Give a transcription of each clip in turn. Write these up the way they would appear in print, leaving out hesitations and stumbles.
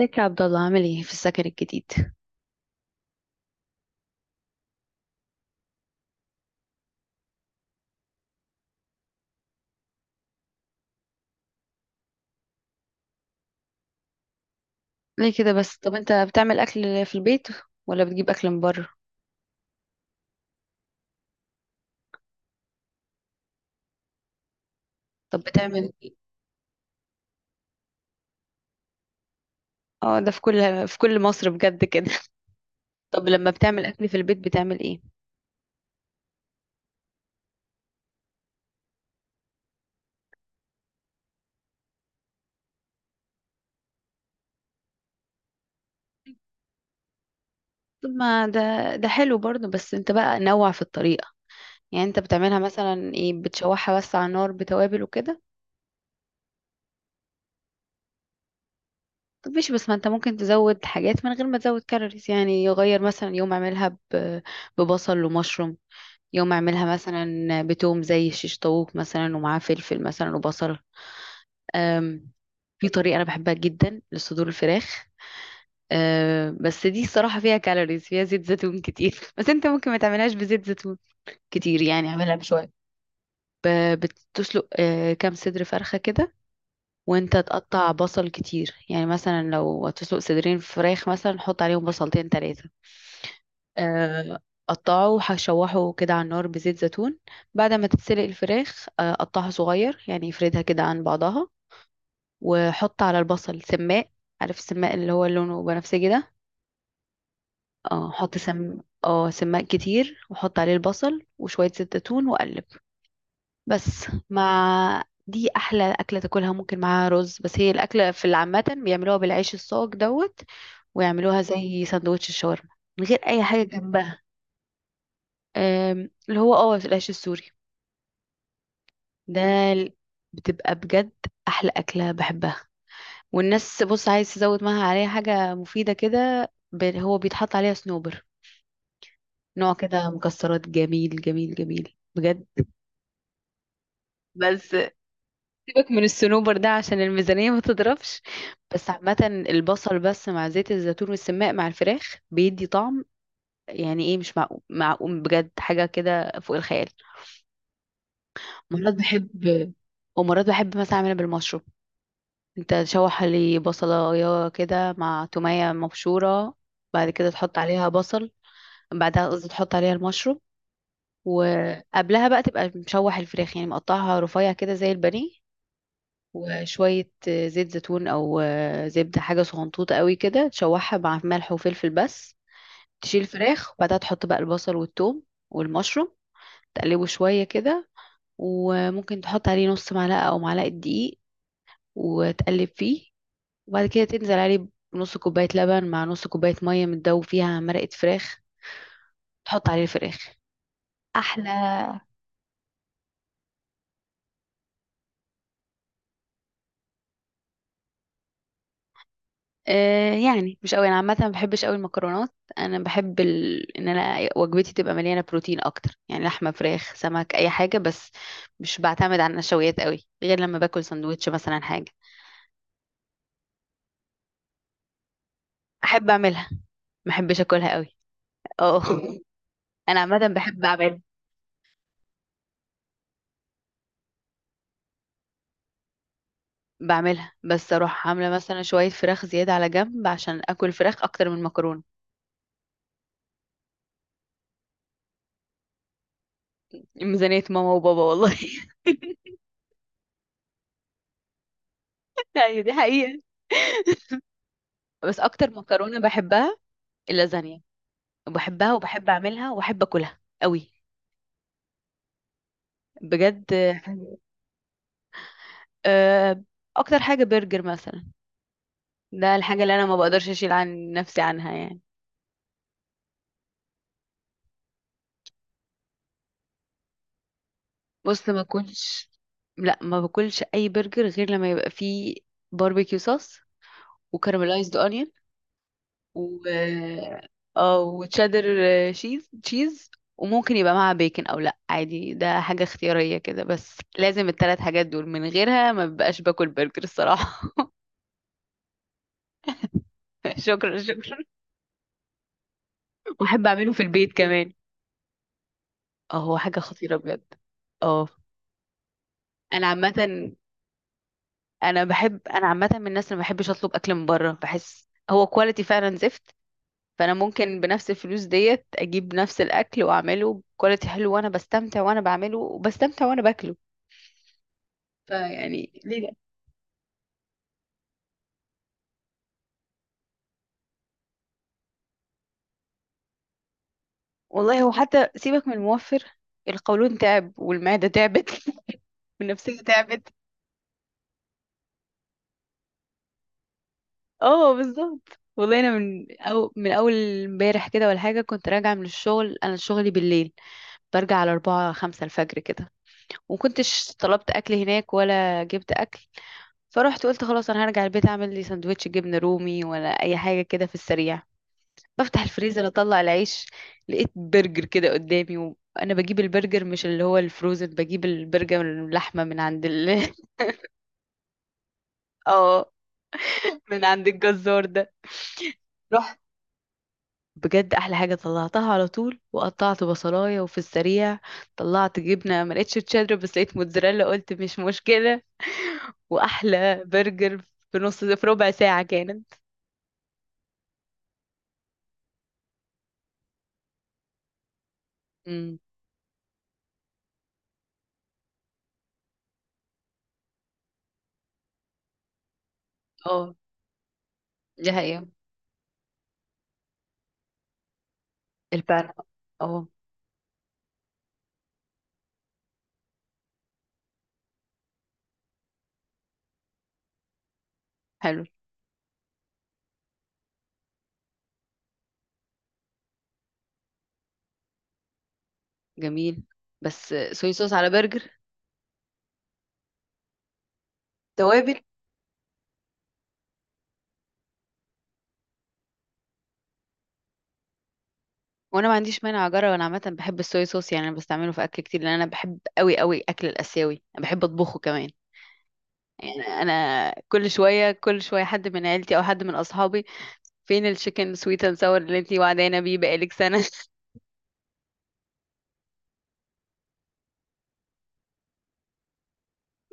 ازيك يا عبد الله، عامل ايه في السكن الجديد؟ ليه كده بس؟ طب انت بتعمل اكل في البيت ولا بتجيب اكل من بره؟ طب بتعمل ايه؟ اه، ده في كل مصر بجد كده. طب لما بتعمل اكل في البيت بتعمل ايه؟ طب ما ده حلو برضه، بس انت بقى نوع في الطريقة. يعني انت بتعملها مثلا ايه؟ بتشوحها بس على النار بتوابل وكده؟ طب ماشي، بس ما انت ممكن تزود حاجات من غير ما تزود كالوريز، يعني يغير، مثلا يوم اعملها ببصل ومشروم، يوم اعملها مثلا بتوم زي الشيش طاووق مثلا، ومعاه فلفل مثلا وبصل. أم، في طريقة أنا بحبها جدا لصدور الفراخ. بس دي الصراحة فيها كالوريز، فيها زيت زيتون كتير. بس انت ممكن ما تعملهاش بزيت زيتون كتير، يعني اعملها بشوية. بتسلق، كام صدر فرخة كده، وانت تقطع بصل كتير، يعني مثلا لو هتسلق صدرين فراخ مثلا، حط عليهم بصلتين تلاتة. آه، قطعه، هشوحه كده على النار بزيت زيتون، بعد ما تتسلق الفراخ. قطعها صغير، يعني افردها كده عن بعضها، وحط على البصل سماق. عارف السماق اللي هو لونه بنفسجي ده؟ اه، حط سم اه سماق كتير، وحط عليه البصل وشوية زيت زيتون وقلب، بس. مع دي احلى اكله تاكلها. ممكن معاها رز، بس هي الاكله في العامه بيعملوها بالعيش الصاج دوت، ويعملوها زي سندوتش الشاورما، من غير اي حاجه جنبها. اللي هو العيش السوري ده. ال- بتبقى بجد احلى اكله بحبها. والناس، بص، عايز تزود معاها عليها حاجه مفيده كده، هو بيتحط عليها صنوبر، نوع كده مكسرات، جميل جميل جميل بجد. بس سيبك من الصنوبر ده عشان الميزانيه ما تضربش. بس عامه، البصل بس مع زيت الزيتون والسماق مع الفراخ بيدي طعم، يعني ايه، مش معقول معقول بجد، حاجه كده فوق الخيال. مرات بحب، ومرات بحب مثلا اعملها بالمشروب. انت تشوح لي بصلايه كده مع توميه مبشوره، بعد كده تحط عليها بصل، بعدها قصدي تحط عليها المشروم. وقبلها بقى تبقى مشوح الفراخ، يعني مقطعها رفيع كده زي البانيه، وشويه زيت زيتون او زبده، حاجه صغنطوطه قوي كده، تشوحها مع ملح وفلفل بس. تشيل الفراخ وبعدها تحط بقى البصل والثوم والمشروم، تقلبه شويه كده، وممكن تحط عليه نص معلقه او معلقه دقيق، وتقلب فيه، وبعد كده تنزل عليه بنص كوباية لبن مع نص كوباية مية متدوب فيها مرقة فراخ، تحط عليه الفراخ. احلى. يعني مش قوي، انا عامه ما بحبش قوي المكرونات. انا بحب ان انا وجبتي تبقى مليانه بروتين اكتر، يعني لحمه، فراخ، سمك، اي حاجه، بس. مش بعتمد على النشويات قوي غير لما باكل سندوتش مثلا، حاجه. احب اعملها، ما احبش اكلها قوي. اه. انا عامه بحب اعمل، بعملها بس اروح عامله مثلا شويه فراخ زياده على جنب عشان اكل فراخ اكتر من مكرونه. ميزانية ماما وبابا والله. ايوه، دي حقيقة. بس اكتر مكرونة بحبها اللازانيا. بحبها وبحب اعملها وبحب اكلها قوي بجد. آه، اكتر حاجة برجر مثلا. ده الحاجة اللي انا ما بقدرش اشيل عن نفسي عنها، يعني. بص، ما باكلش. لا، ما باكلش اي برجر غير لما يبقى فيه باربيكيو صوص، وكaramelized onion، و اه وتشيدر، تشيز، وممكن يبقى معاها بيكن او لا، عادي، ده حاجة اختيارية كده، بس لازم الثلاث حاجات دول، من غيرها ما ببقاش باكل برجر الصراحة. شكرا، شكرا. واحب اعمله في البيت كمان. اه، هو حاجة خطيرة بجد. اه. انا عامة انا عامة من الناس اللي ما بحبش اطلب اكل من بره، بحس هو كواليتي فعلا زفت. فانا ممكن بنفس الفلوس ديت اجيب نفس الاكل واعمله بكواليتي حلو، وانا بستمتع وانا بعمله، وبستمتع وانا باكله. فيعني ليه لا. والله، هو حتى سيبك من الموفر، القولون تعب والمعدة تعبت. والنفسية تعبت. اه، بالظبط. والله انا من اول امبارح كده ولا حاجه، كنت راجعه من الشغل. انا شغلي بالليل، برجع على أربعة خمسة الفجر كده، ومكنتش طلبت اكل هناك ولا جبت اكل. فرحت قلت خلاص انا هرجع البيت اعمل لي سندوتش جبنه رومي ولا اي حاجه كده في السريع. بفتح الفريزر، اطلع العيش، لقيت برجر كده قدامي. وانا بجيب البرجر، مش اللي هو الفروزن، بجيب البرجر اللحمه من عند اه، من عند الجزار ده. رحت، بجد احلى حاجه، طلعتها على طول وقطعت بصلايه، وفي السريع طلعت جبنه، ما لقيتش تشيدر بس لقيت موتزاريلا، قلت مش مشكله، واحلى برجر في نص، في ربع ساعه كانت. امم. اه، دي حقيقه. البان. اه. حلو. جميل. بس صويا صوص على برجر؟ توابل. وانا ما عنديش مانع اجرب، انا عامه بحب الصويا صوص، يعني انا بستعمله في اكل كتير، لان انا بحب قوي قوي اكل الاسيوي، انا بحب اطبخه كمان. يعني انا كل شويه كل شويه حد من عيلتي او حد من اصحابي: فين الشيكن سويت اند ساور اللي انتي وعدانا بيه بقالك سنه؟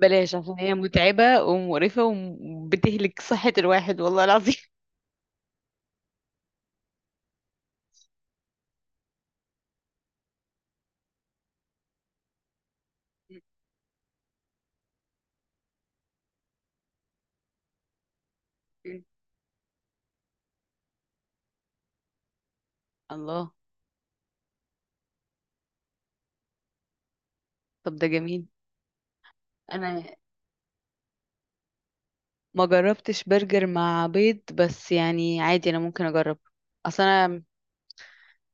بلاش، عشان هي متعبه ومقرفه، وبتهلك صحه الواحد والله العظيم. الله. طب ده جميل. انا ما جربتش برجر مع بيض، بس يعني عادي، انا ممكن اجرب اصلا.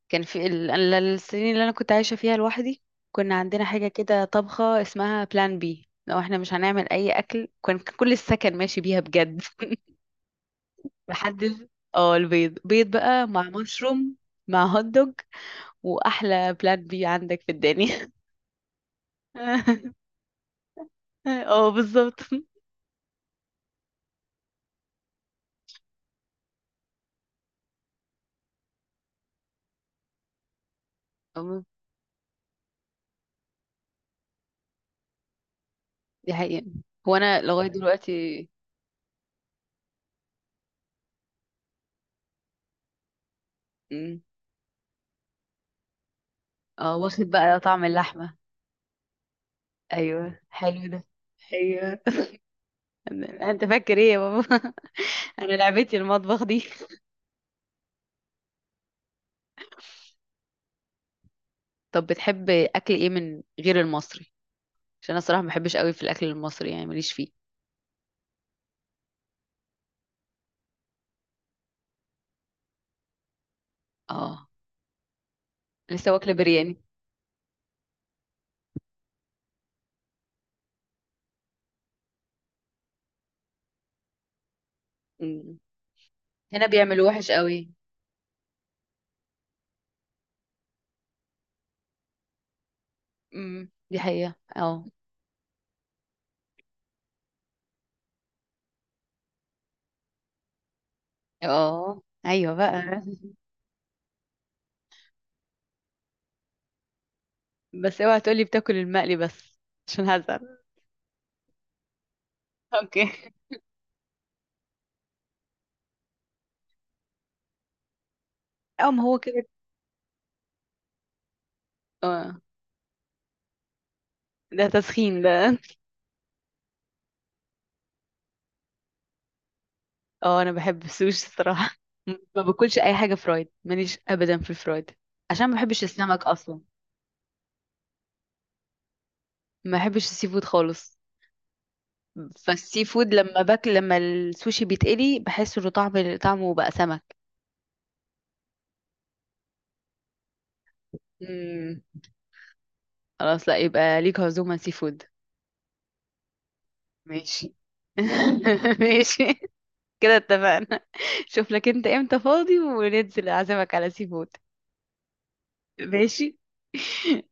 كان في السنين اللي انا كنت عايشه فيها لوحدي، كنا عندنا حاجه كده، طبخه اسمها بلان بي، لو احنا مش هنعمل اي اكل كان كل السكن ماشي بيها بجد. محدش. اه البيض بقى مع مشروم، مع هوت دوج، واحلى بلان بي عندك في الدنيا. اه، بالظبط. أم- دي حقيقة. هو انا لغايه دلوقتي. مم. اه، واخد بقى طعم اللحمه. ايوه، حلو ده. ايوه. انت فاكر ايه يا بابا؟ انا لعبتي المطبخ دي. طب بتحب اكل ايه من غير المصري؟ عشان انا الصراحه ما بحبش قوي في الاكل المصري، يعني ماليش فيه. اه، لسه واكله برياني. مم. هنا بيعملوه وحش قوي. امم، دي حقيقه. اه. اه، ايوه بقى. بس اوعى تقولي بتاكل المقلي بس، عشان هزعل. اوكي. اه، ما هو كده. اه، ده تسخين ده. اه، انا بحب السوشي الصراحه. ما باكلش اي حاجه فرايد، ماليش ابدا في الفرايد، عشان ما بحبش السمك اصلا. ما بحبش السي فود خالص. فالسي فود لما السوشي بيتقلي بحس انه طعم، طعمه بقى سمك. امم، خلاص. لا، يبقى ليك عزومة سي فود. ماشي. ماشي، كده اتفقنا. شوف لك انت امتى فاضي، وننزل اعزمك على سي فود. ماشي.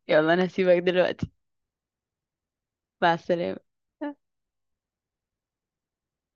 يلا، انا هسيبك دلوقتي. مع السلامة.